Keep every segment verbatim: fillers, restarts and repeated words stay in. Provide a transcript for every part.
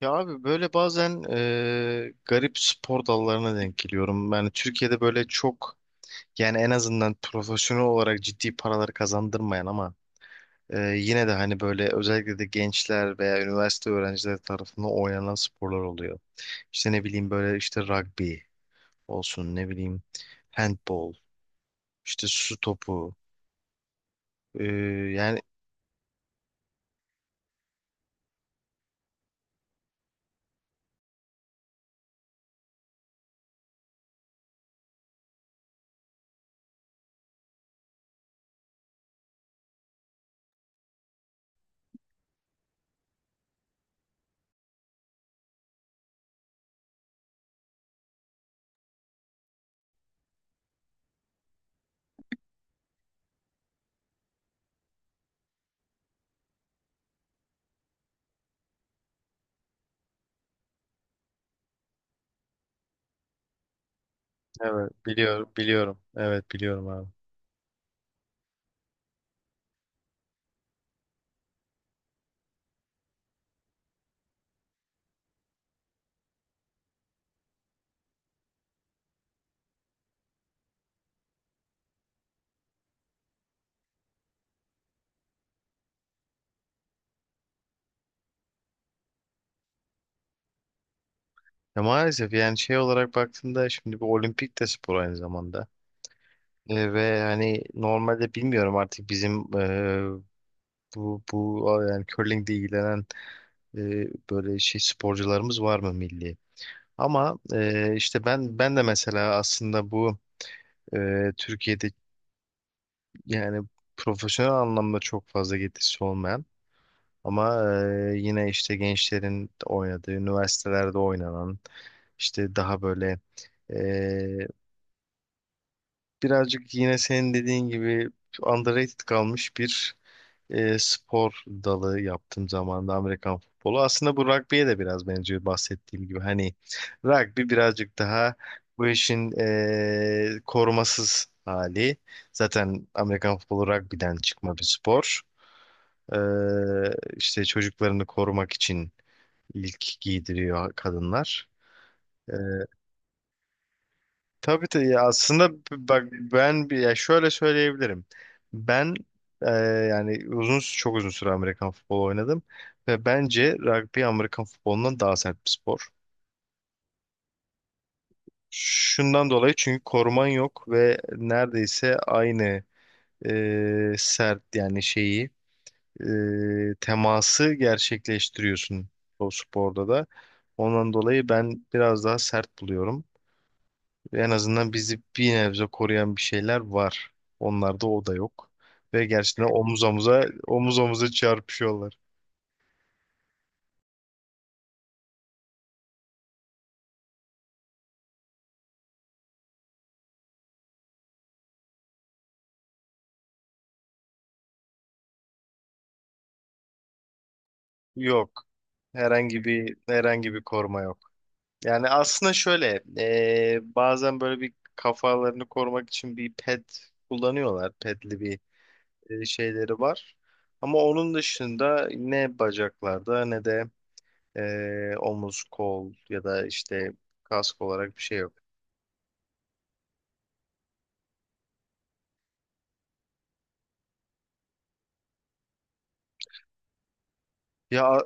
Ya abi böyle bazen e, garip spor dallarına denk geliyorum. Yani Türkiye'de böyle çok yani en azından profesyonel olarak ciddi paralar kazandırmayan ama e, yine de hani böyle özellikle de gençler veya üniversite öğrencileri tarafından oynanan sporlar oluyor. İşte ne bileyim böyle işte rugby olsun, ne bileyim handball, işte su topu. e, yani evet, biliyorum, biliyorum, evet biliyorum abi. Ya maalesef yani şey olarak baktığında şimdi bu olimpik de spor aynı zamanda. E, ve hani normalde bilmiyorum artık bizim e, bu bu yani curlingle ilgilenen e, böyle şey sporcularımız var mı milli? Ama e, işte ben ben de mesela aslında bu e, Türkiye'de yani profesyonel anlamda çok fazla getirisi olmayan ama e, yine işte gençlerin oynadığı, üniversitelerde oynanan, işte daha böyle birazcık yine senin dediğin gibi underrated kalmış bir e, spor dalı yaptığım zamanda Amerikan futbolu. Aslında bu rugby'ye de biraz benziyor bahsettiğim gibi. Hani rugby birazcık daha bu işin e, korumasız hali. Zaten Amerikan futbolu rugby'den çıkma bir spor. E, işte çocuklarını korumak için ilk giydiriyor kadınlar. E, Tabii tabii ya, aslında b- bak ben bir, ya şöyle söyleyebilirim. Ben e, yani uzun, çok uzun süre Amerikan futbolu oynadım ve bence rugby Amerikan futbolundan daha sert bir spor. Şundan dolayı, çünkü koruman yok ve neredeyse aynı e, sert yani şeyi, e, teması gerçekleştiriyorsun o sporda da. Ondan dolayı ben biraz daha sert buluyorum. Ve en azından bizi bir nebze koruyan bir şeyler var. Onlarda o da yok. Ve gerçekten omuz omuza, omuz omuza çarpışıyorlar. Yok. Herhangi bir herhangi bir koruma yok. Yani aslında şöyle eee, bazen böyle bir kafalarını korumak için bir pet kullanıyorlar. Petli bir e, şeyleri var. Ama onun dışında ne bacaklarda ne de eee, omuz, kol ya da işte kask olarak bir şey yok. Ya,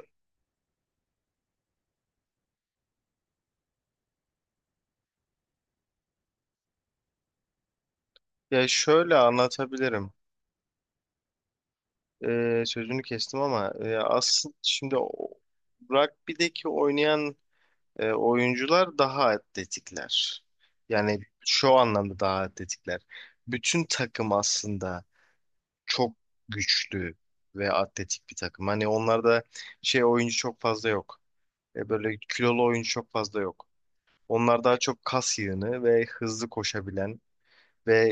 ya şöyle anlatabilirim. E, sözünü kestim ama e, aslında şimdi o- rugby'deki oynayan e, oyuncular daha atletikler. Yani şu anlamda daha atletikler. Bütün takım aslında çok güçlü ve atletik bir takım. Hani onlarda şey oyuncu çok fazla yok. E, böyle kilolu oyuncu çok fazla yok. Onlar daha çok kas yığını ve hızlı koşabilen ve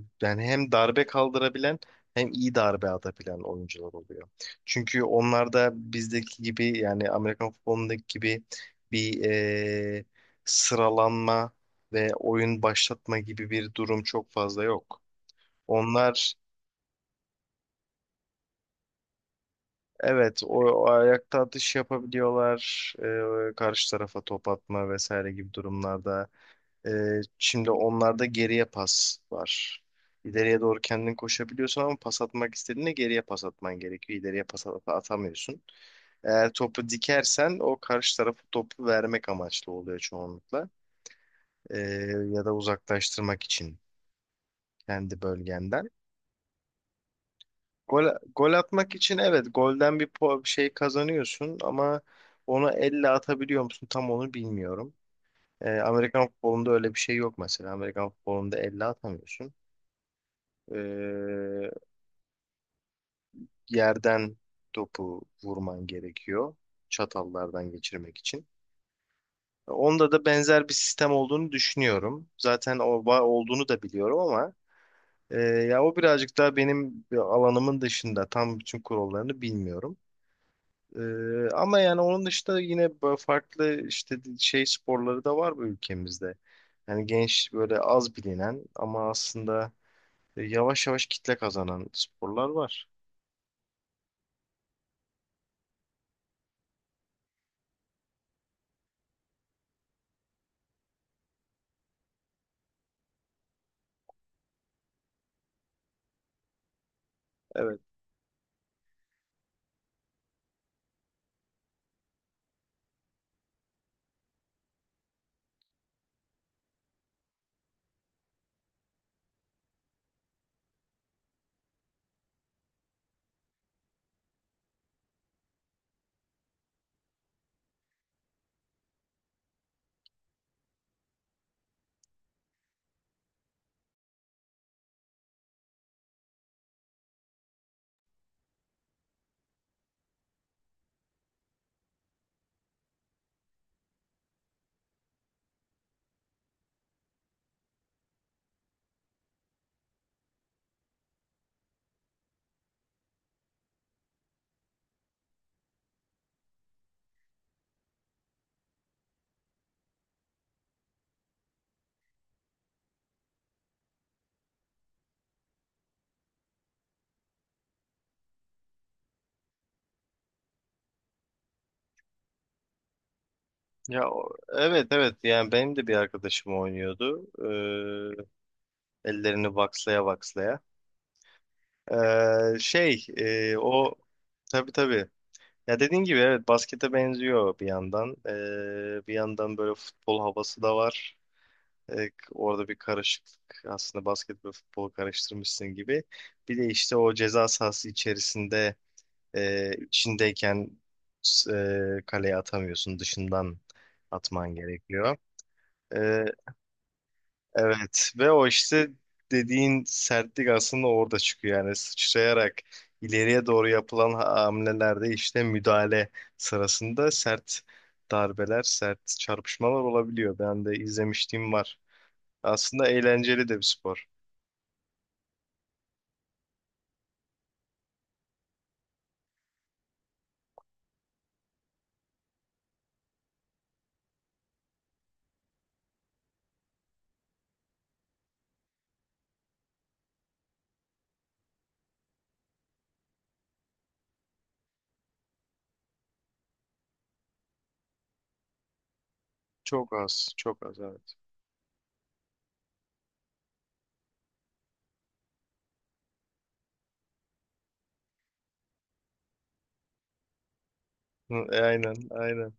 e, yani hem darbe kaldırabilen hem iyi darbe atabilen oyuncular oluyor. Çünkü onlar da bizdeki gibi, yani Amerikan futbolundaki gibi bir e, sıralanma ve oyun başlatma gibi bir durum çok fazla yok. Onlar, evet, o, o ayakta atış yapabiliyorlar e, karşı tarafa top atma vesaire gibi durumlarda. Ee, şimdi onlarda geriye pas var. İleriye doğru kendin koşabiliyorsun ama pas atmak istediğinde geriye pas atman gerekiyor. İleriye pas at- atamıyorsun. Eğer topu dikersen, o karşı tarafı topu vermek amaçlı oluyor çoğunlukla. Ee, Ya da uzaklaştırmak için kendi bölgenden. Gol, gol atmak için, evet, golden bir po- şey kazanıyorsun ama onu elle atabiliyor musun tam onu bilmiyorum. Ee, Amerikan futbolunda öyle bir şey yok mesela. Amerikan futbolunda elle atamıyorsun. Ee, Yerden topu vurman gerekiyor çatallardan geçirmek için. Onda da benzer bir sistem olduğunu düşünüyorum. Zaten o va- olduğunu da biliyorum ama e, ya o birazcık daha benim alanımın dışında, tam bütün kurallarını bilmiyorum. Ee, ama yani onun dışında yine böyle farklı işte şey sporları da var bu ülkemizde. Yani genç, böyle az bilinen ama aslında yavaş yavaş kitle kazanan sporlar var. Evet. Ya o- evet, evet, yani benim de bir arkadaşım oynuyordu. Ee, Ellerini vakslaya vakslaya. Ee, şey e, o Tabii, tabii. Ya dediğin gibi, evet, baskete benziyor bir yandan. Ee, bir yandan böyle futbol havası da var. Ee, orada bir karışıklık, aslında basket ve futbolu karıştırmışsın gibi. Bir de işte o ceza sahası içerisinde, e, içindeyken e, kaleye atamıyorsun, dışından atman gerekiyor. Ee, Evet, ve o işte dediğin sertlik aslında orada çıkıyor. Yani sıçrayarak ileriye doğru yapılan hamlelerde, işte müdahale sırasında sert darbeler, sert çarpışmalar olabiliyor. Ben de izlemişliğim var. Aslında eğlenceli de bir spor. Çok az, çok az, evet. Hı, e, aynen, aynen.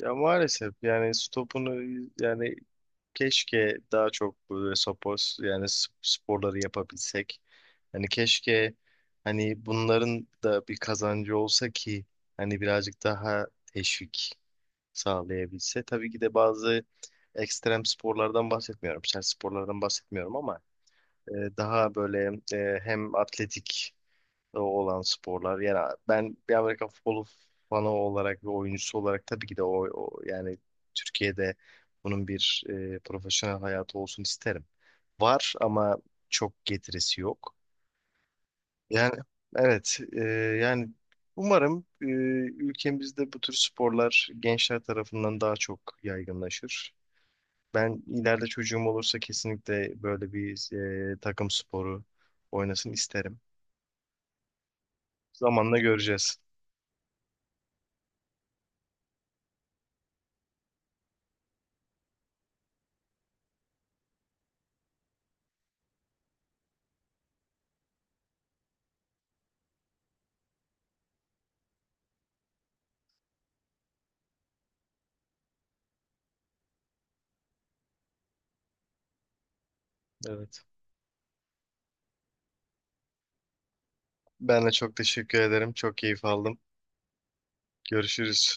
Ya maalesef yani stopunu, yani keşke daha çok böyle spor, yani sp- sporları yapabilsek. Hani keşke, hani bunların da bir kazancı olsa ki hani birazcık daha teşvik sağlayabilse. Tabii ki de bazı ekstrem sporlardan bahsetmiyorum, sert sporlardan bahsetmiyorum ama e, daha böyle e, hem atletik olan sporlar. Yani ben bir Amerika futbolu fanı olarak ve oyuncusu olarak tabii ki de o, o- yani Türkiye'de bunun bir e, profesyonel hayatı olsun isterim. Var ama çok getirisi yok. Yani evet, e, yani umarım e, ülkemizde bu tür sporlar gençler tarafından daha çok yaygınlaşır. Ben ileride çocuğum olursa kesinlikle böyle bir e, takım sporu oynasın isterim. Zamanla göreceğiz. Evet. Ben de çok teşekkür ederim. Çok keyif aldım. Görüşürüz.